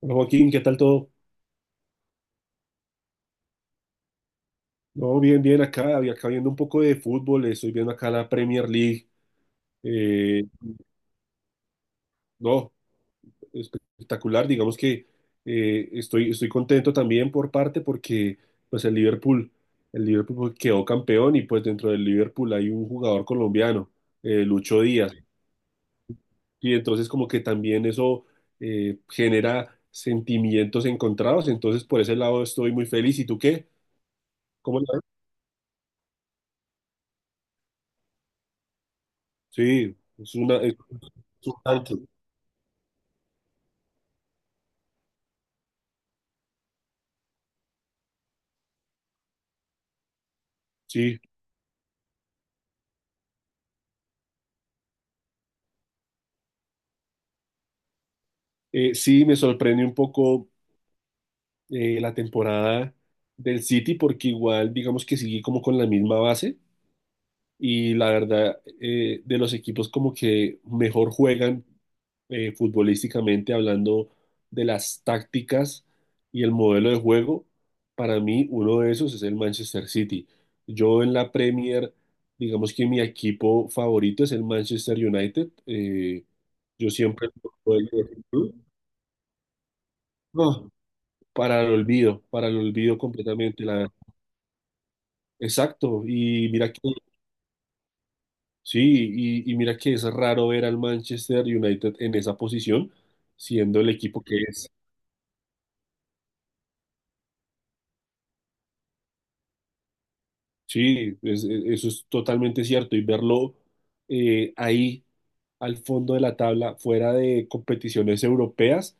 Hola, Joaquín, ¿qué tal todo? No, bien, bien acá, y acá viendo un poco de fútbol, estoy viendo acá la Premier League. Eh, no, Espectacular, digamos que estoy contento también por parte porque pues el Liverpool pues, quedó campeón, y pues dentro del Liverpool hay un jugador colombiano, Lucho Díaz, y entonces como que también eso genera sentimientos encontrados. Entonces por ese lado estoy muy feliz. ¿Y tú qué? ¿Cómo la ves? Sí, es una, es un tanque, sí. Sí, me sorprende un poco la temporada del City, porque igual digamos que sigue como con la misma base, y la verdad, de los equipos como que mejor juegan, futbolísticamente hablando, de las tácticas y el modelo de juego, para mí uno de esos es el Manchester City. Yo en la Premier digamos que mi equipo favorito es el Manchester United. Yo siempre... No, para el olvido completamente. La... Exacto, y mira que, sí, y mira que es raro ver al Manchester United en esa posición, siendo el equipo que es. Sí, eso es totalmente cierto, y verlo ahí al fondo de la tabla, fuera de competiciones europeas,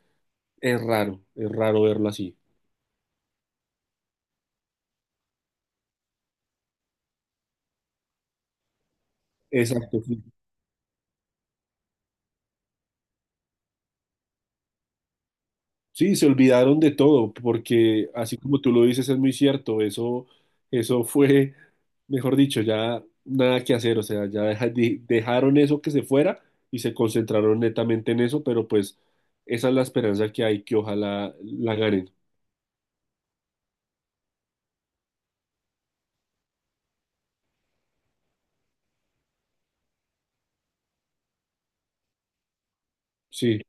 es raro verlo así. Exacto, sí. Sí, se olvidaron de todo, porque así como tú lo dices, es muy cierto, eso fue, mejor dicho, ya nada que hacer, o sea, ya dejaron eso que se fuera y se concentraron netamente en eso, pero pues esa es la esperanza que hay, que ojalá la ganen. Sí,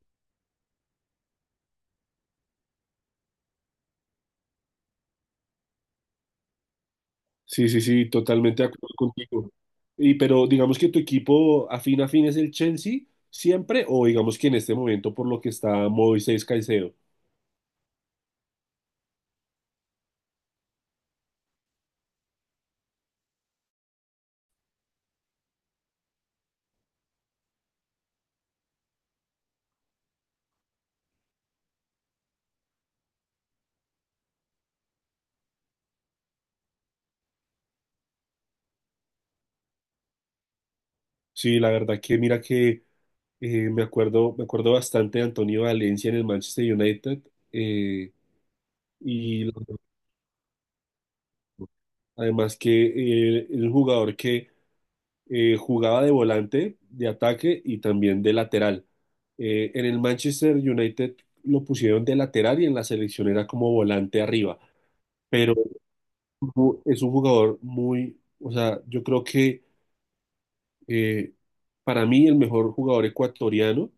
sí, sí, sí, totalmente de acuerdo contigo. Y pero digamos que tu equipo afín a fin es el Chelsea siempre, o digamos que en este momento por lo que está Moisés Caicedo. Sí, la verdad que mira que... me acuerdo bastante de Antonio Valencia en el Manchester United. eh, y lo- Además que es un jugador que jugaba de volante, de ataque y también de lateral. En el Manchester United lo pusieron de lateral y en la selección era como volante arriba. Pero es un jugador muy, o sea, yo creo que eh, para mí el mejor jugador ecuatoriano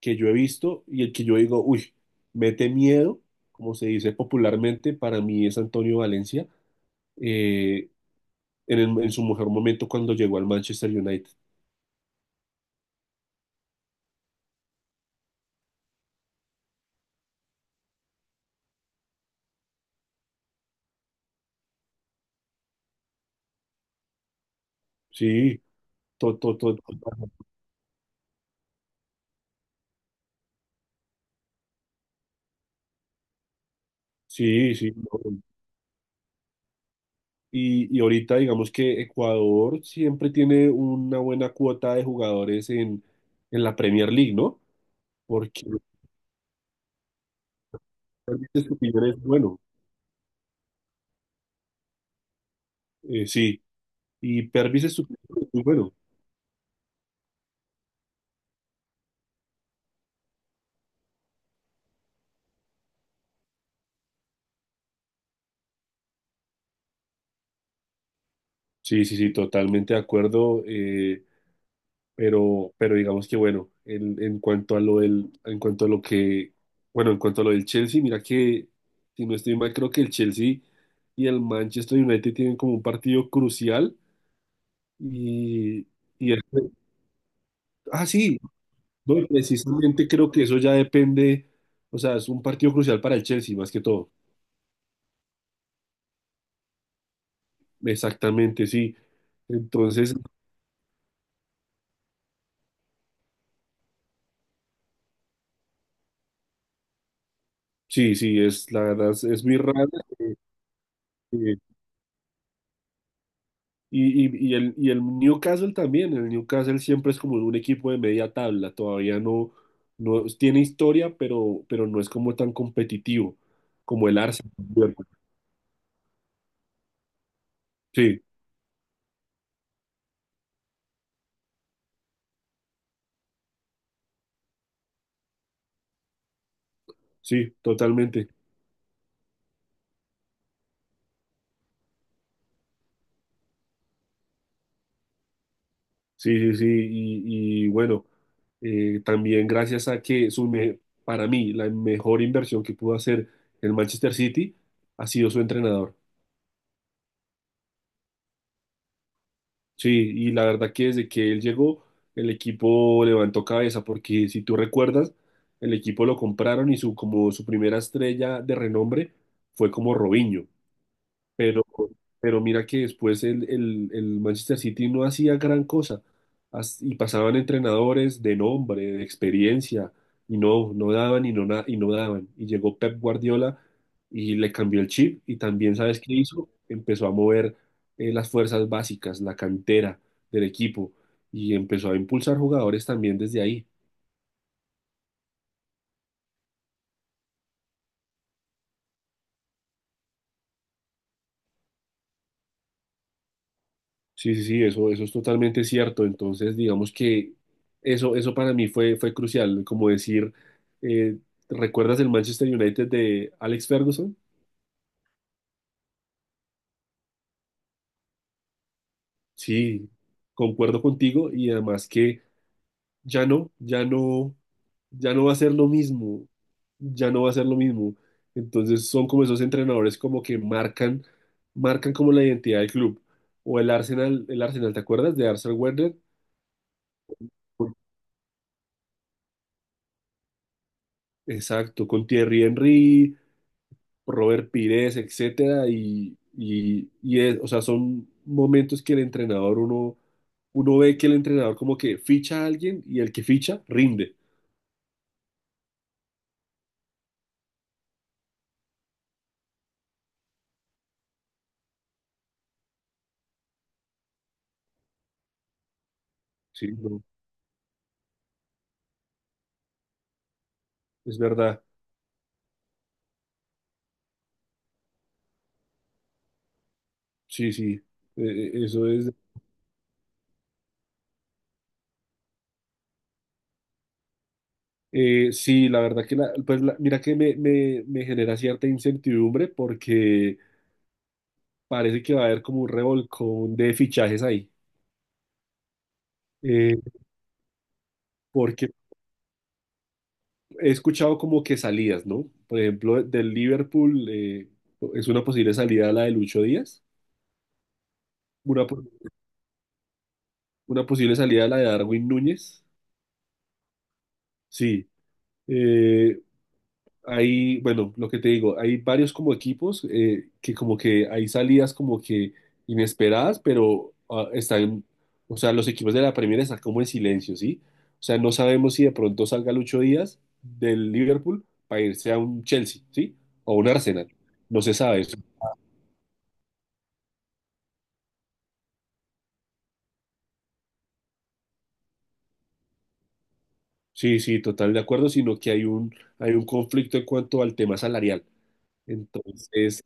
que yo he visto, y el que yo digo, uy, mete miedo, como se dice popularmente, para mí es Antonio Valencia, eh, en, en su mejor momento cuando llegó al Manchester United. Sí, to, to- to- to- sí, sí. No. Y ahorita digamos que Ecuador siempre tiene una buena cuota de jugadores en la Premier League, ¿no? Porque Pervis Estupiñán es bueno, sí, y Pervis Estupiñán es muy bueno. Sí, sí, sí, totalmente de acuerdo. Pero digamos que bueno, en cuanto a lo del, en cuanto a lo que, bueno, en cuanto a lo del Chelsea, mira que, si no estoy mal, creo que el Chelsea y el Manchester United tienen como un partido crucial y, y ah, sí, no, y precisamente creo que eso ya depende, o sea, es un partido crucial para el Chelsea más que todo, exactamente, sí. Entonces, sí, sí, es, la verdad es muy raro. Y el, y el Newcastle también, el Newcastle siempre es como un equipo de media tabla, todavía no, no tiene historia, pero no es como tan competitivo como el Arsenal. Sí, sí, totalmente. Sí, sí, sí, y bueno, también gracias a que para mí la mejor inversión que pudo hacer el Manchester City ha sido su entrenador. Sí, y la verdad que desde que él llegó, el equipo levantó cabeza, porque si tú recuerdas, el equipo lo compraron y su, como su primera estrella de renombre fue como Robinho. Pero, pero mira que después el, el Manchester City no hacía gran cosa. Y pasaban entrenadores de nombre, de experiencia, y no, no daban, y y no daban. Y llegó Pep Guardiola y le cambió el chip, y también, ¿sabes qué hizo? Empezó a mover las fuerzas básicas, la cantera del equipo, y empezó a impulsar jugadores también desde ahí. Sí, sí, sí, eso es totalmente cierto. Entonces, digamos que eso para mí fue, fue crucial. Como decir, eh, ¿recuerdas el Manchester United de Alex Ferguson? Sí, concuerdo contigo, y además que ya no, ya no, ya no va a ser lo mismo, ya no va a ser lo mismo. Entonces son como esos entrenadores como que marcan, marcan como la identidad del club. O el Arsenal, ¿te acuerdas de Arsenal Wenger? Exacto, con Thierry Henry, Robert Pires, etcétera, y es, o sea, son momentos que el entrenador, uno, uno ve que el entrenador como que ficha a alguien y el que ficha rinde, sí, no, es verdad, sí, sí, eh, eso es, sí, la verdad que, la, mira que me genera cierta incertidumbre porque parece que va a haber como un revolcón de fichajes ahí, eh, porque he escuchado como que salidas, ¿no? Por ejemplo, del Liverpool, es una posible salida la de Lucho Díaz, una, po- una posible salida la de Darwin Núñez. Sí, eh, hay, bueno, lo que te digo, hay varios como equipos que como que hay salidas como que inesperadas, pero ah, están, o sea, los equipos de la Premier están como en silencio, ¿sí? O sea, no sabemos si de pronto salga Lucho Díaz del Liverpool para irse a un Chelsea, ¿sí? O un Arsenal. No se sabe. Sí, sí, total de acuerdo, sino que hay un conflicto en cuanto al tema salarial. Entonces,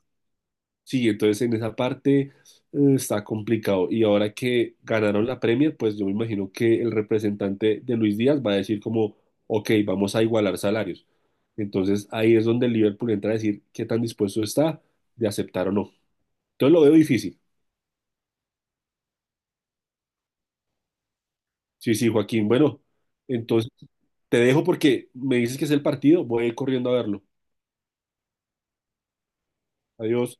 sí, entonces en esa parte está complicado. Y ahora que ganaron la Premier, pues yo me imagino que el representante de Luis Díaz va a decir como, ok, vamos a igualar salarios. Entonces ahí es donde el Liverpool entra a decir qué tan dispuesto está de aceptar o no. Entonces lo veo difícil. Sí, sí, Joaquín. Bueno, entonces te dejo porque me dices que es el partido, voy a ir corriendo a verlo. Adiós.